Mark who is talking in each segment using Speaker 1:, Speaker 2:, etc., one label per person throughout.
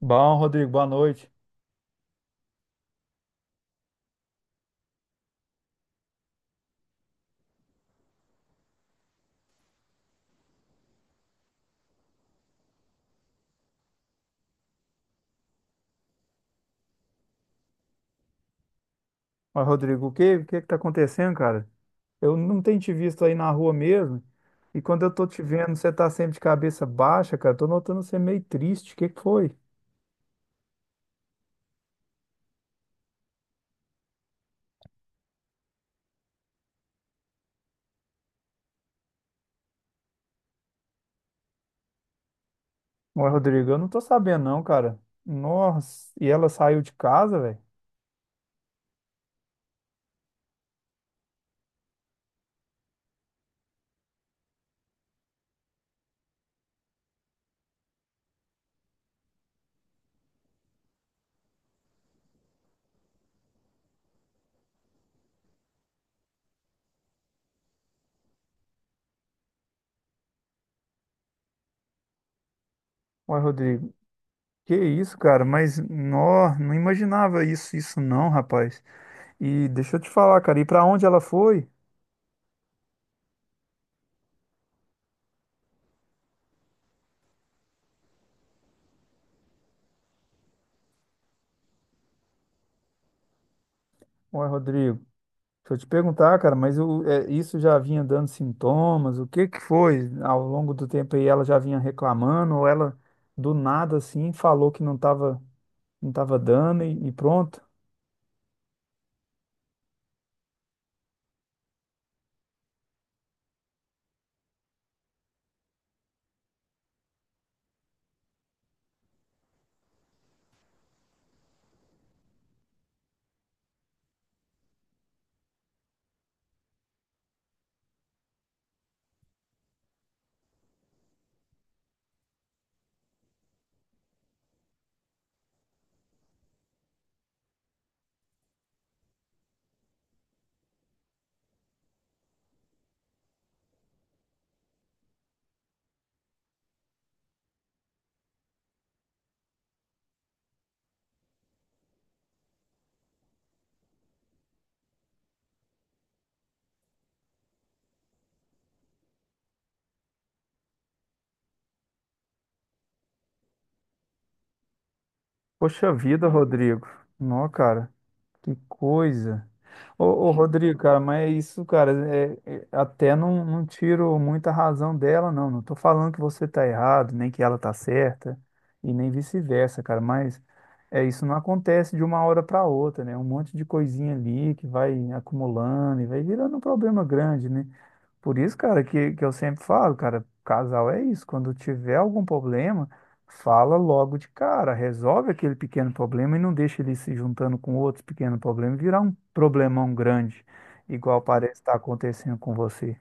Speaker 1: Bom, Rodrigo, boa noite. Mas, Rodrigo, o que é que tá acontecendo, cara? Eu não tenho te visto aí na rua mesmo. E quando eu tô te vendo, você tá sempre de cabeça baixa, cara. Tô notando você meio triste. O que que foi? Ué, Rodrigo, eu não tô sabendo não, cara. Nossa, e ela saiu de casa, velho? Ué, Rodrigo, que isso, cara? Mas, nó, não imaginava isso não, rapaz. E deixa eu te falar, cara, e pra onde ela foi? Ué, Rodrigo, deixa eu te perguntar, cara, mas isso já vinha dando sintomas? O que que foi ao longo do tempo aí? Ela já vinha reclamando ou ela do nada assim falou que não tava dando e pronto? Poxa vida, Rodrigo. Não, cara. Que coisa. Ô, Rodrigo, cara, mas é isso, cara, até não, não tiro muita razão dela, não. Não tô falando que você tá errado, nem que ela tá certa, e nem vice-versa, cara, mas é isso não acontece de uma hora para outra, né? Um monte de coisinha ali que vai acumulando e vai virando um problema grande, né? Por isso, cara, que eu sempre falo, cara, casal é isso. Quando tiver algum problema, fala logo de cara, resolve aquele pequeno problema e não deixa ele se juntando com outros pequenos problemas e virar um problemão grande, igual parece estar acontecendo com você.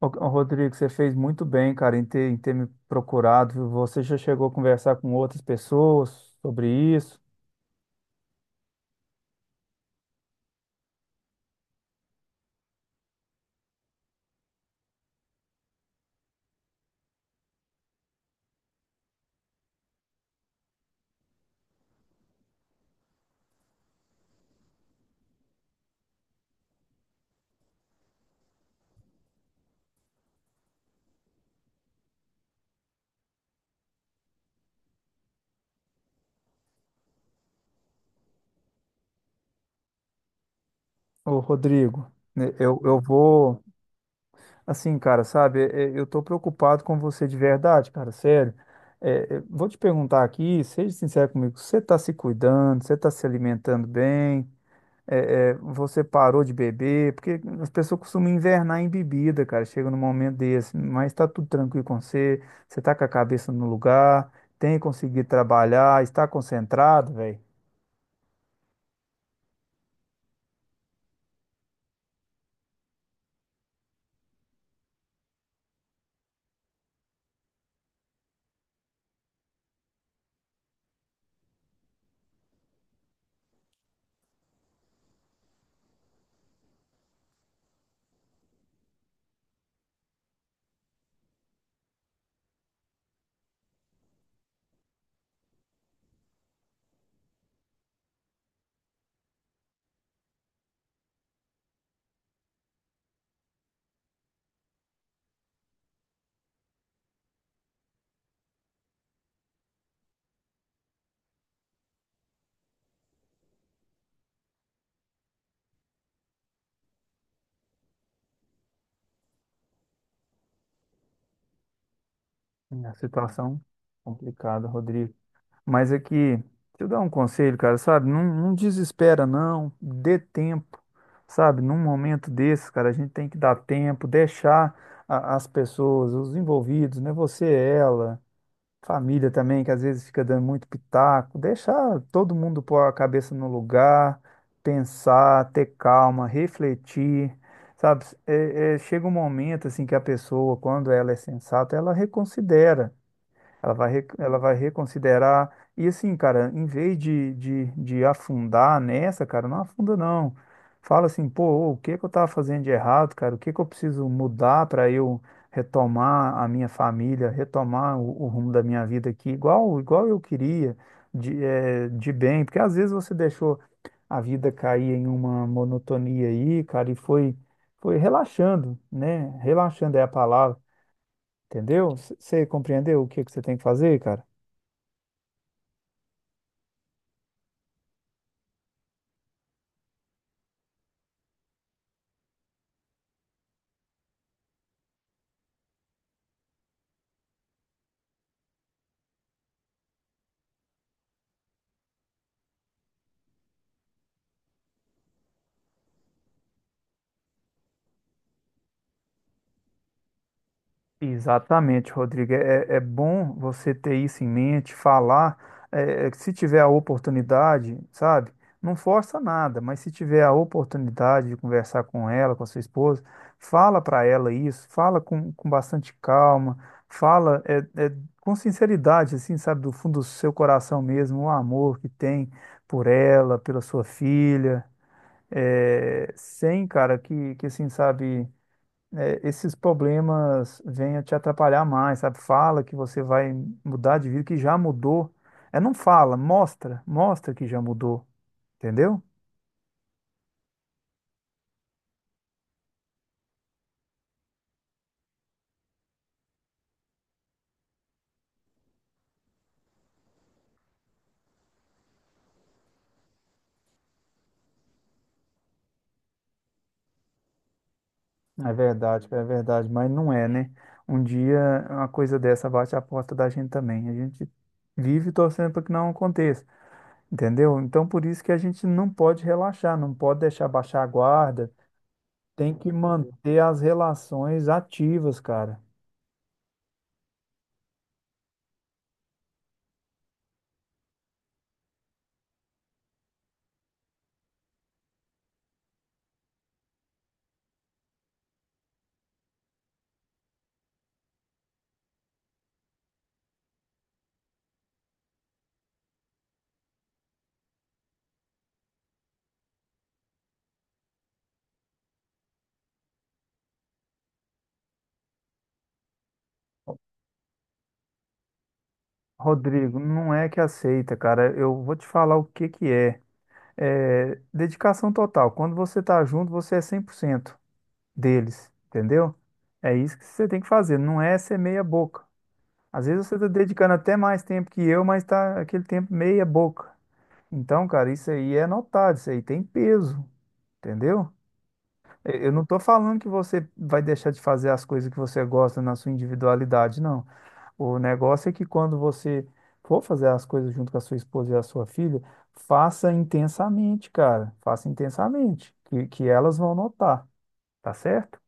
Speaker 1: Ô, Rodrigo, você fez muito bem, cara, em ter me procurado, viu? Você já chegou a conversar com outras pessoas sobre isso? Ô, Rodrigo, né, eu vou. Assim, cara, sabe, eu tô preocupado com você de verdade, cara, sério. Vou te perguntar aqui, seja sincero comigo, você tá se cuidando, você tá se alimentando bem? Você parou de beber? Porque as pessoas costumam invernar em bebida, cara, chega num momento desse. Mas tá tudo tranquilo com você, você tá com a cabeça no lugar, tem conseguido trabalhar, está concentrado, velho? É, a situação complicada, Rodrigo. Mas é que, deixa eu dar um conselho, cara, sabe? Não, não desespera, não. Dê tempo, sabe? Num momento desses, cara, a gente tem que dar tempo, deixar as pessoas, os envolvidos, né? Você, ela, família também, que às vezes fica dando muito pitaco. Deixar todo mundo pôr a cabeça no lugar, pensar, ter calma, refletir, sabe? Chega um momento, assim, que a pessoa, quando ela é sensata, ela reconsidera. Ela vai reconsiderar. E assim, cara, em vez de afundar nessa, cara, não afunda não. Fala assim, pô, o que que eu tava fazendo de errado, cara? O que que eu preciso mudar para eu retomar a minha família, retomar o rumo da minha vida aqui, igual, igual eu queria, de, de bem. Porque às vezes você deixou a vida cair em uma monotonia aí, cara, e foi, foi relaxando, né? Relaxando é a palavra. Entendeu? Você compreendeu o que que você tem que fazer, cara? Exatamente, Rodrigo. É, é bom você ter isso em mente, falar. Se tiver a oportunidade, sabe? Não força nada, mas se tiver a oportunidade de conversar com ela, com a sua esposa, fala para ela isso, fala com bastante calma, fala é, com sinceridade, assim, sabe? Do fundo do seu coração mesmo, o amor que tem por ela, pela sua filha. Sem, cara, que assim, sabe, é, esses problemas venham te atrapalhar mais, sabe? Fala que você vai mudar de vida, que já mudou. É, não fala, mostra, mostra que já mudou, entendeu? É verdade, mas não é, né? Um dia uma coisa dessa bate a porta da gente também. A gente vive torcendo para que não aconteça, entendeu? Então, por isso que a gente não pode relaxar, não pode deixar baixar a guarda, tem que manter as relações ativas, cara. Rodrigo, não é que aceita, cara. Eu vou te falar o que que é. É dedicação total. Quando você tá junto, você é 100% deles, entendeu? É isso que você tem que fazer, não é ser meia boca. Às vezes você tá dedicando até mais tempo que eu, mas tá aquele tempo meia boca. Então, cara, isso aí é notado, isso aí tem peso, entendeu? Eu não estou falando que você vai deixar de fazer as coisas que você gosta na sua individualidade, não. O negócio é que quando você for fazer as coisas junto com a sua esposa e a sua filha, faça intensamente, cara. Faça intensamente, que elas vão notar, tá certo?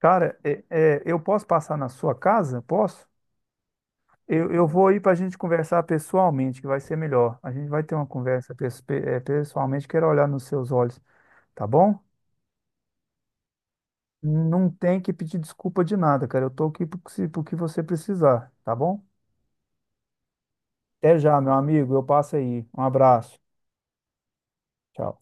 Speaker 1: Cara, eu posso passar na sua casa? Posso? Eu vou ir para a gente conversar pessoalmente, que vai ser melhor. A gente vai ter uma conversa pessoalmente, quero olhar nos seus olhos, tá bom? Não tem que pedir desculpa de nada, cara. Eu tô aqui pro que pro que você precisar, tá bom? Até já, meu amigo. Eu passo aí. Um abraço. Tchau.